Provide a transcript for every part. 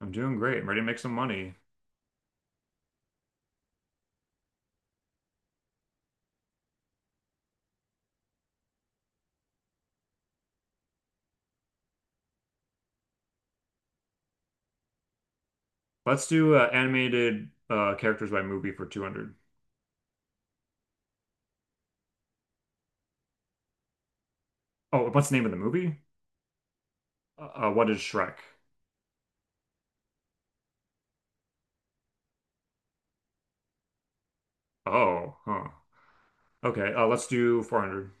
I'm doing great. I'm ready to make some money. Let's do animated characters by movie for 200. Oh, what's the name of the movie? What is Shrek? Oh, huh. Okay, let's do 400.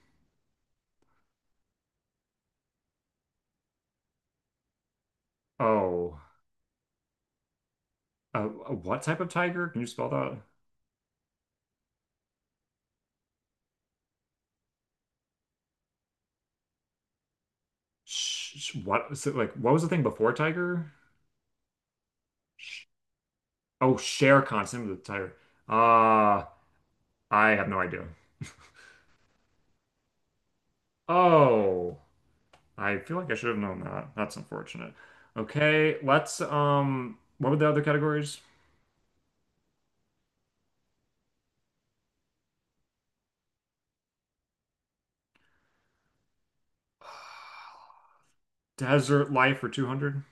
Oh, what type of tiger? Can you spell that? What is it like? What was the thing before tiger? Oh, Shere Khan, name of the tiger. Uh, I have no idea. Oh, I feel like I should have known that. That's unfortunate. Okay, let's what were the other categories? Desert life for 200.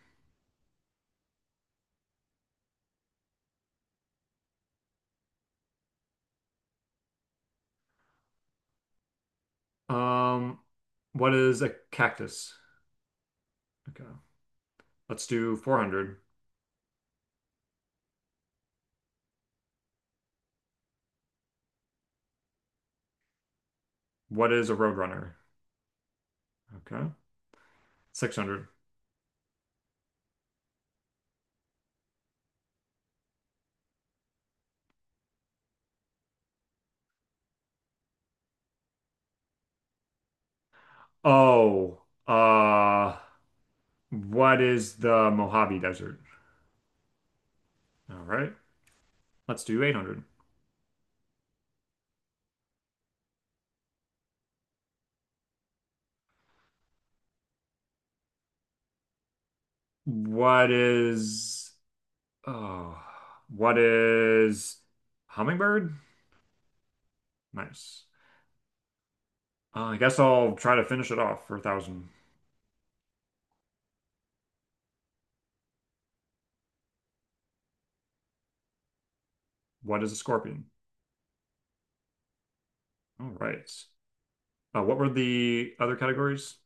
Um, what is a cactus? Okay. Let's do 400. What is a roadrunner? Okay. 600. Oh, uh, what is the Mojave Desert? All right. Let's do 800. What is, oh, what is hummingbird? Nice. I guess I'll try to finish it off for 1,000. What is a scorpion? All right. What were the other categories?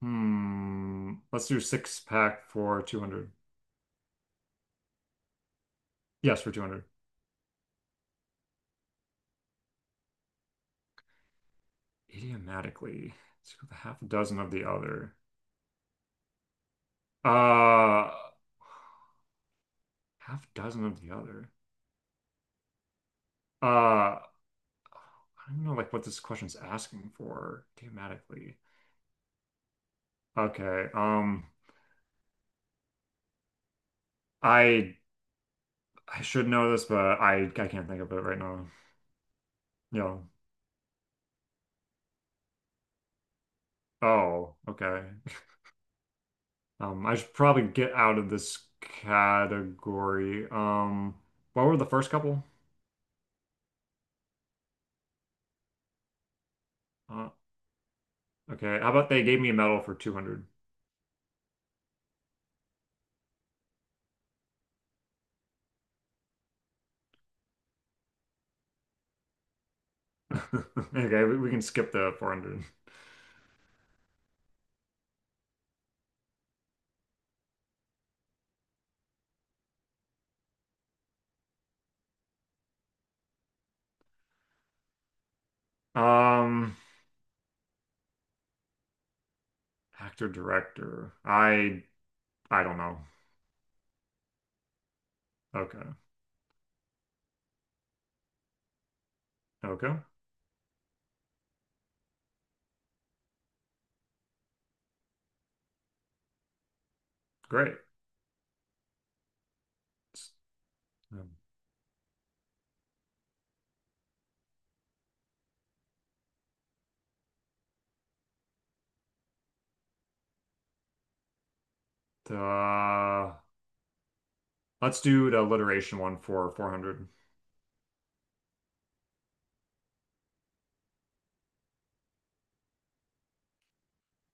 Hmm. Let's do six pack for 200. Yes, for 200. Idiomatically. Let's go with a half dozen of the other. Uh, half dozen of the other. Uh, I don't know like what this question's asking for idiomatically. Okay. I I should know this, but I can't think of it right now. Yeah. Oh, okay. I should probably get out of this category. What were the first couple? Uh, Okay, how about they gave me a medal for 200? Okay, we can skip the 400. Um, actor director. I don't know. Okay. Okay. Great. Uh, let's do the alliteration one for 400.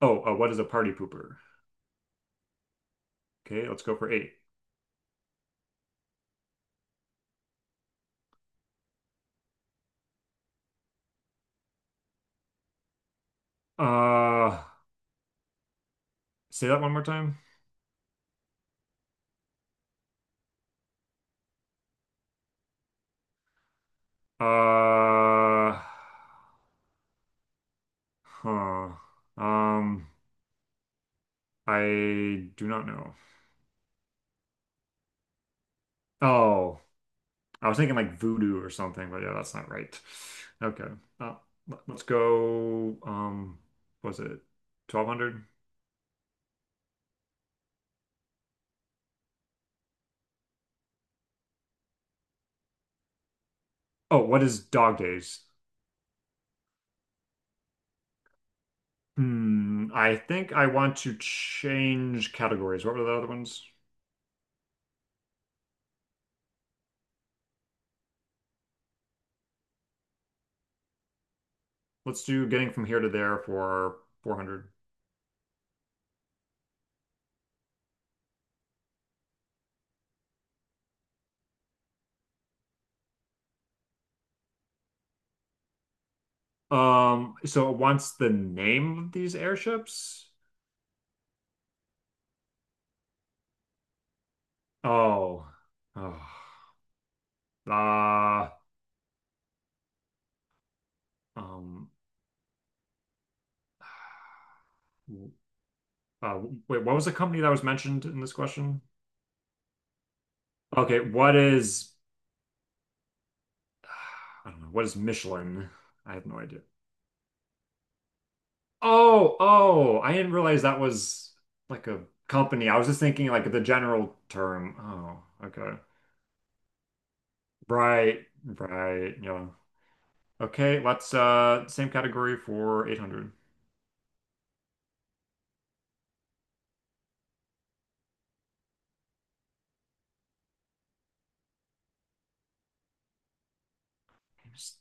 Oh, what is a party pooper? Okay, let's go for eight. Uh, say that one more time. Uh, huh. Um, I do not know. Oh, I was thinking like voodoo or something, but yeah, that's not right. Okay. Uh, let's go. Was it 1200? Oh, what is dog days? Hmm. I think I want to change categories. What were the other ones? Let's do getting from here to there for 400. So it wants the name of these airships? Oh. Oh. Uh, um, uh, wait, what was the company that was mentioned in this question? Okay, what is I don't know, what is Michelin? I have no idea. Oh, oh, I didn't realize that was like a company. I was just thinking like the general term. Oh, okay. Right, right, yeah. Okay, let's same category for 800.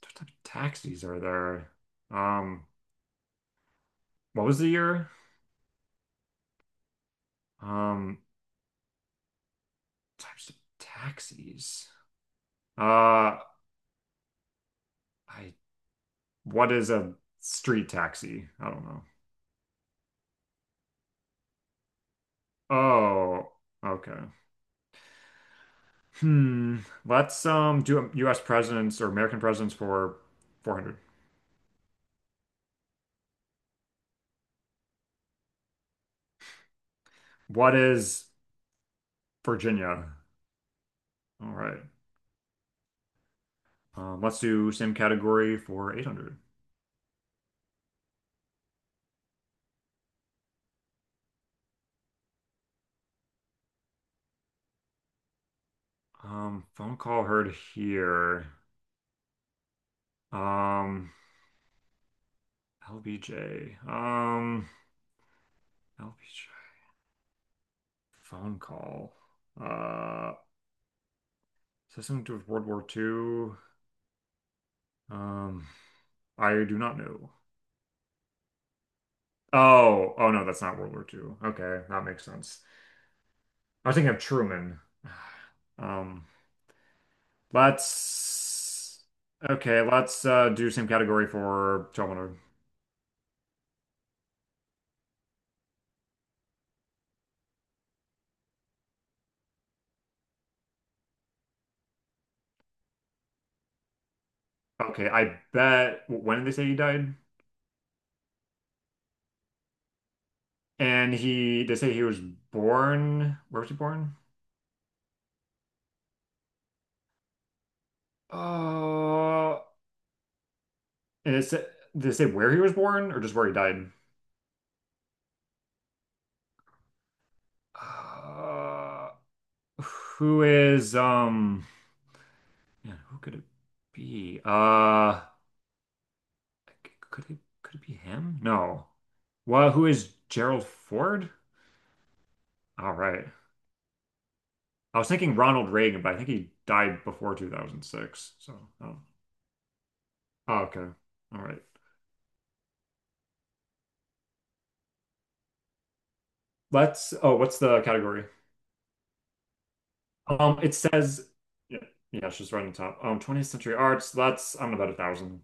What type of taxis are there? Um, what was the year? Um, types of taxis. Uh, I what is a street taxi? I don't. Oh, okay. Hmm. Let's do U.S. presidents or American presidents for 400. What is Virginia? All right. Let's do same category for 800. Phone call heard here. Um, LBJ. LBJ. Phone call. Uh, is this something to do with World War Two? Um, I do not know. Oh, oh no, that's not World War Two. Okay, that makes sense. I was thinking of Truman. Um, let's okay, let's do same category for Terminator. Okay, I bet when did they say he died? And he they say he was born. Where was he born? Uh, and it said did they say where he was born or just where he died? Uh, who is um? Yeah, who could it be? Could it be him? No. Well, who is Gerald Ford? All right. I was thinking Ronald Reagan, but I think he died before 2006. So, oh, oh, okay. All right. Oh, what's the category? Um, it says, yeah, yeah, it's just right on top. 20th century arts. That's, I'm about 1,000.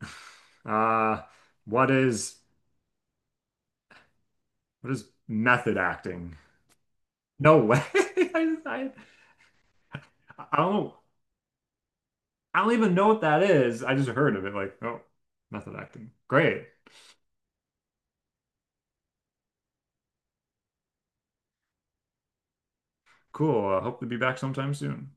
Uh, what is, what is method acting? No way. I don't know. I don't even know what that is. I just heard of it. Like, oh, method acting. Great. Cool. I hope to be back sometime soon.